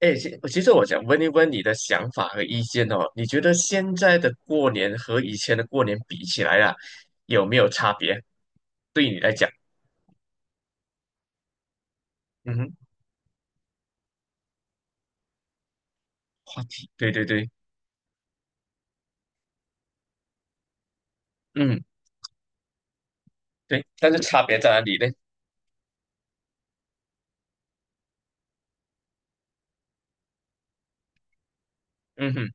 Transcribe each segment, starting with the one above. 哎，其实我想问一问你的想法和意见哦，你觉得现在的过年和以前的过年比起来啊，有没有差别？对你来讲。嗯哼。话题，对对对。嗯。对，但是差别在哪里呢？嗯哼。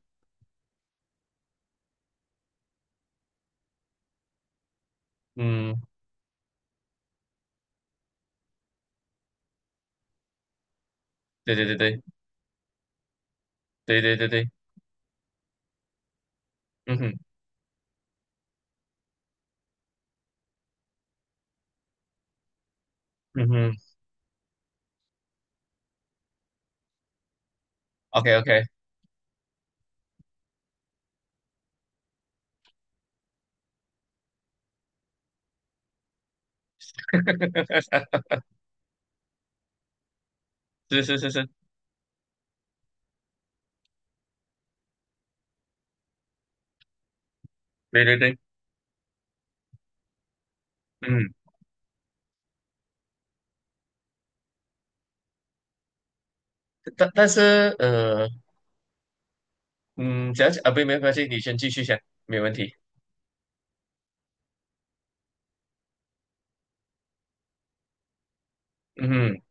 嗯。对对对对对对对对。嗯哼。嗯哼。OK OK。是是是是。对对对。嗯。但但是呃，嗯，讲讲啊，不，没关系，你先继续讲，没问题。嗯哼。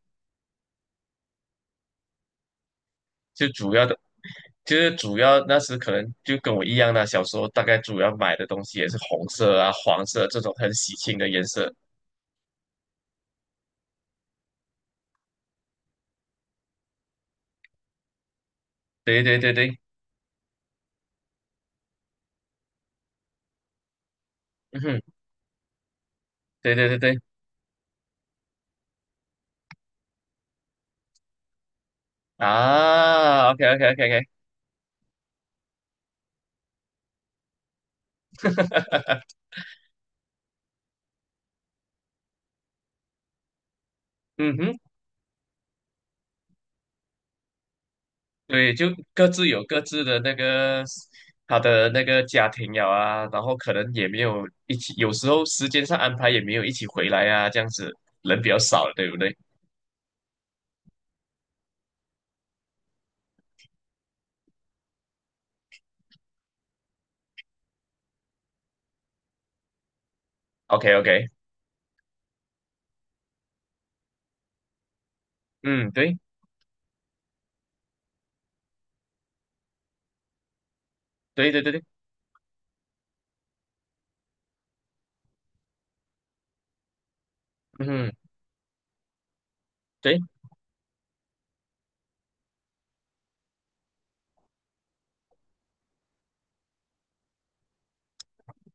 就主要的。就是主要那时可能就跟我一样啦，小时候大概主要买的东西也是红色啊、黄色这种很喜庆的颜色。对对对对。嗯哼。对对对对。啊，OK OK OK OK。嗯哼。对，就各自有各自的那个他的那个家庭了啊，然后可能也没有一起，有时候时间上安排也没有一起回来啊，这样子人比较少了，对不对？OK OK。嗯。对对对对对。嗯哼。对。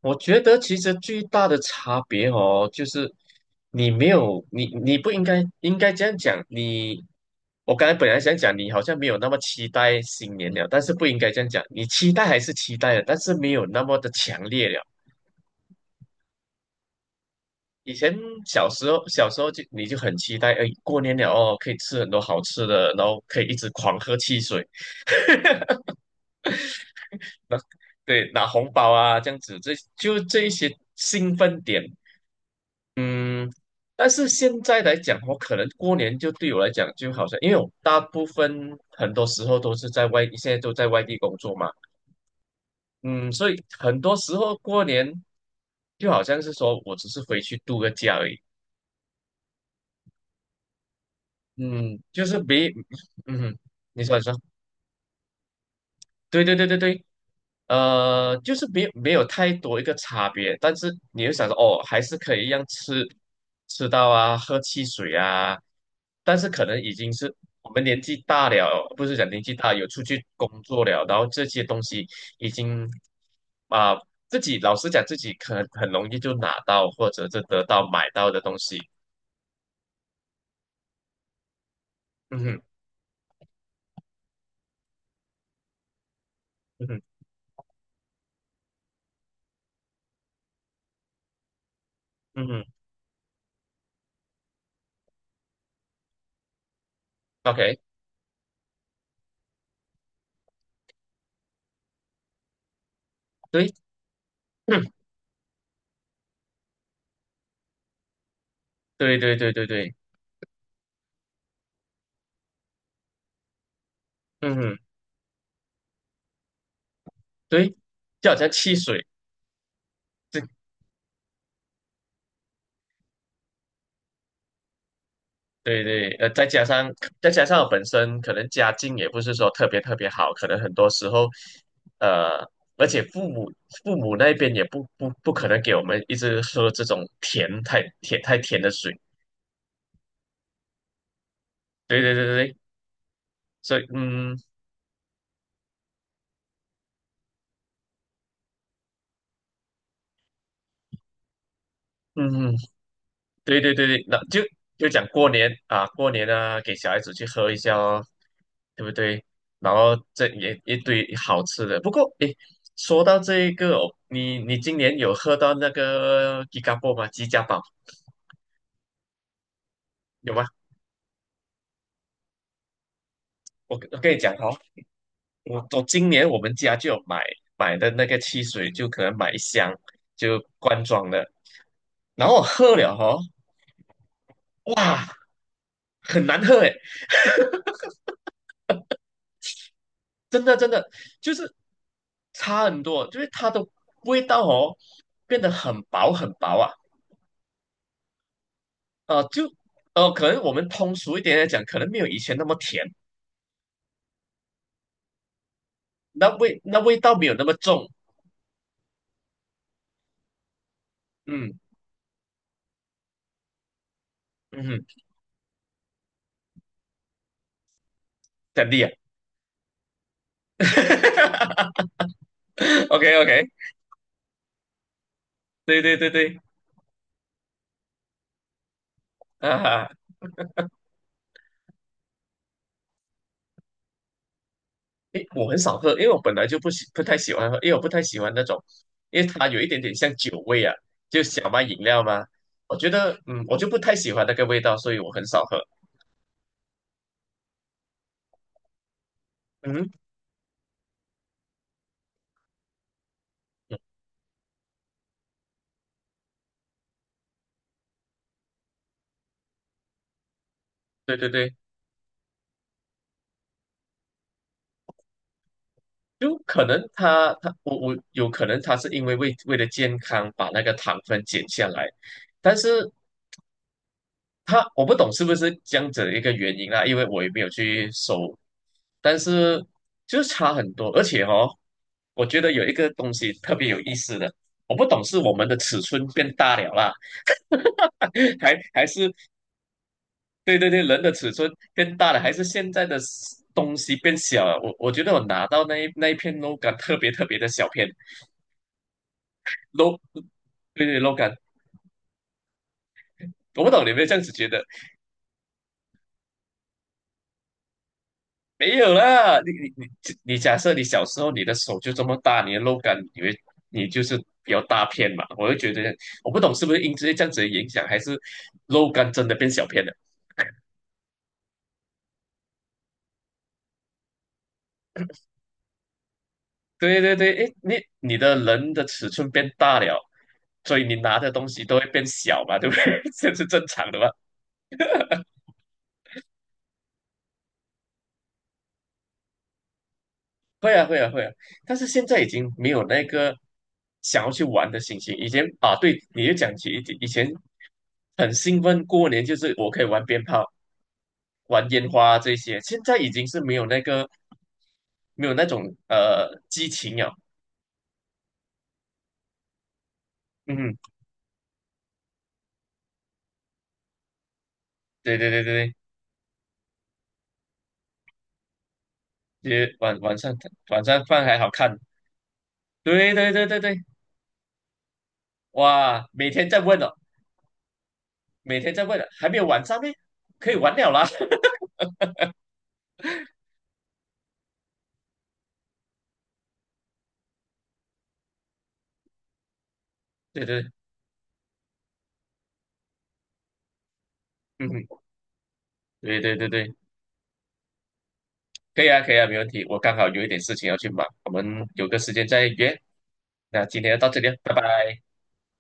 我觉得其实最大的差别哦，就是你没有你你不应该应该这样讲，我刚才本来想讲你好像没有那么期待新年了，但是不应该这样讲，你期待还是期待的，但是没有那么的强烈了。以前小时候就你就很期待，哎，过年了哦，可以吃很多好吃的，然后可以一直狂喝汽水，对，拿红包啊这样子，这一些兴奋点。嗯。但是现在来讲，我可能过年就对我来讲，就好像因为我大部分很多时候都是在外，现在都在外地工作嘛。嗯。所以很多时候过年就好像是说我只是回去度个假而已。嗯。就是没。嗯。你说你说。对对对对对。就是没有太多一个差别，但是你又想说，哦，还是可以一样吃到啊，喝汽水啊，但是可能已经是我们年纪大了，不是讲年纪大，有出去工作了，然后这些东西已经啊、自己老实讲，自己可能很容易就拿到或者是得到买到的东西。嗯哼。嗯哼。嗯哼。OK。对。对对对对对。嗯哼。对，就好像汽水。这。对对。再加上我本身可能家境也不是说特别特别好，可能很多时候，呃，而且父母那边也不可能给我们一直喝这种甜太甜太甜的水。对对对对对。所以嗯对对对对，那就讲过年啊，过年啊，给小孩子去喝一下哦，对不对？然后这也一堆好吃的。不过，诶，说到这一个哦，你今年有喝到那个吉嘎波吗？吉家宝有吗？我跟你讲哦，我今年我们家就有买的那个汽水，就可能买一箱就罐装的，然后我喝了哦。哇，很难喝。真的真的就是差很多，就是它的味道哦变得很薄很薄啊。呃就呃可能我们通俗一点来讲，可能没有以前那么甜，那味道没有那么重。嗯嗯哼。真的呀。 ，OK OK。对对对对啊。诶，我很少喝，因为我本来就不太喜欢喝，因为我不太喜欢那种，因为它有一点点像酒味啊，就小麦饮料嘛，我觉得我就不太喜欢那个味道，所以我很少喝。嗯哼。对对对，就可能他他我我有可能是因为为了健康把那个糖分减下来，但是我不懂是不是这样子的一个原因啊，因为我也没有去搜，但是就是差很多，而且哦，我觉得有一个东西特别有意思的。我不懂是我们的尺寸变大了啦。还是对对对，人的尺寸变大了，还是现在的东西变小了，我觉得我拿到那一片肉干特别特别的小片。l 对对 l o 感。我不懂你有没有这样子觉得？没有啦，你假设你小时候你的手就这么大，你的肉感，你就是比较大片嘛？我就觉得我不懂是不是因为这样子的影响，还是肉感真的变小片了？对对对，诶，你的人的尺寸变大了，所以你拿的东西都会变小嘛，对不对？这是正常的嘛。会啊，会啊，会啊，但是现在已经没有那个想要去玩的心情。以前啊，对，你就讲起以前很兴奋，过年就是我可以玩鞭炮、玩烟花这些，现在已经是没有那个没有那种激情了。嗯。对对对对对。就是晚上晚上饭还好看。对对对对对。哇，每天在问哦，每天在问了，还没有晚上呢，可以玩了啦。对对。嗯。对对对对。可以啊，可以啊，没问题。我刚好有一点事情要去忙，我们有个时间再约。那今天就到这里了，拜拜。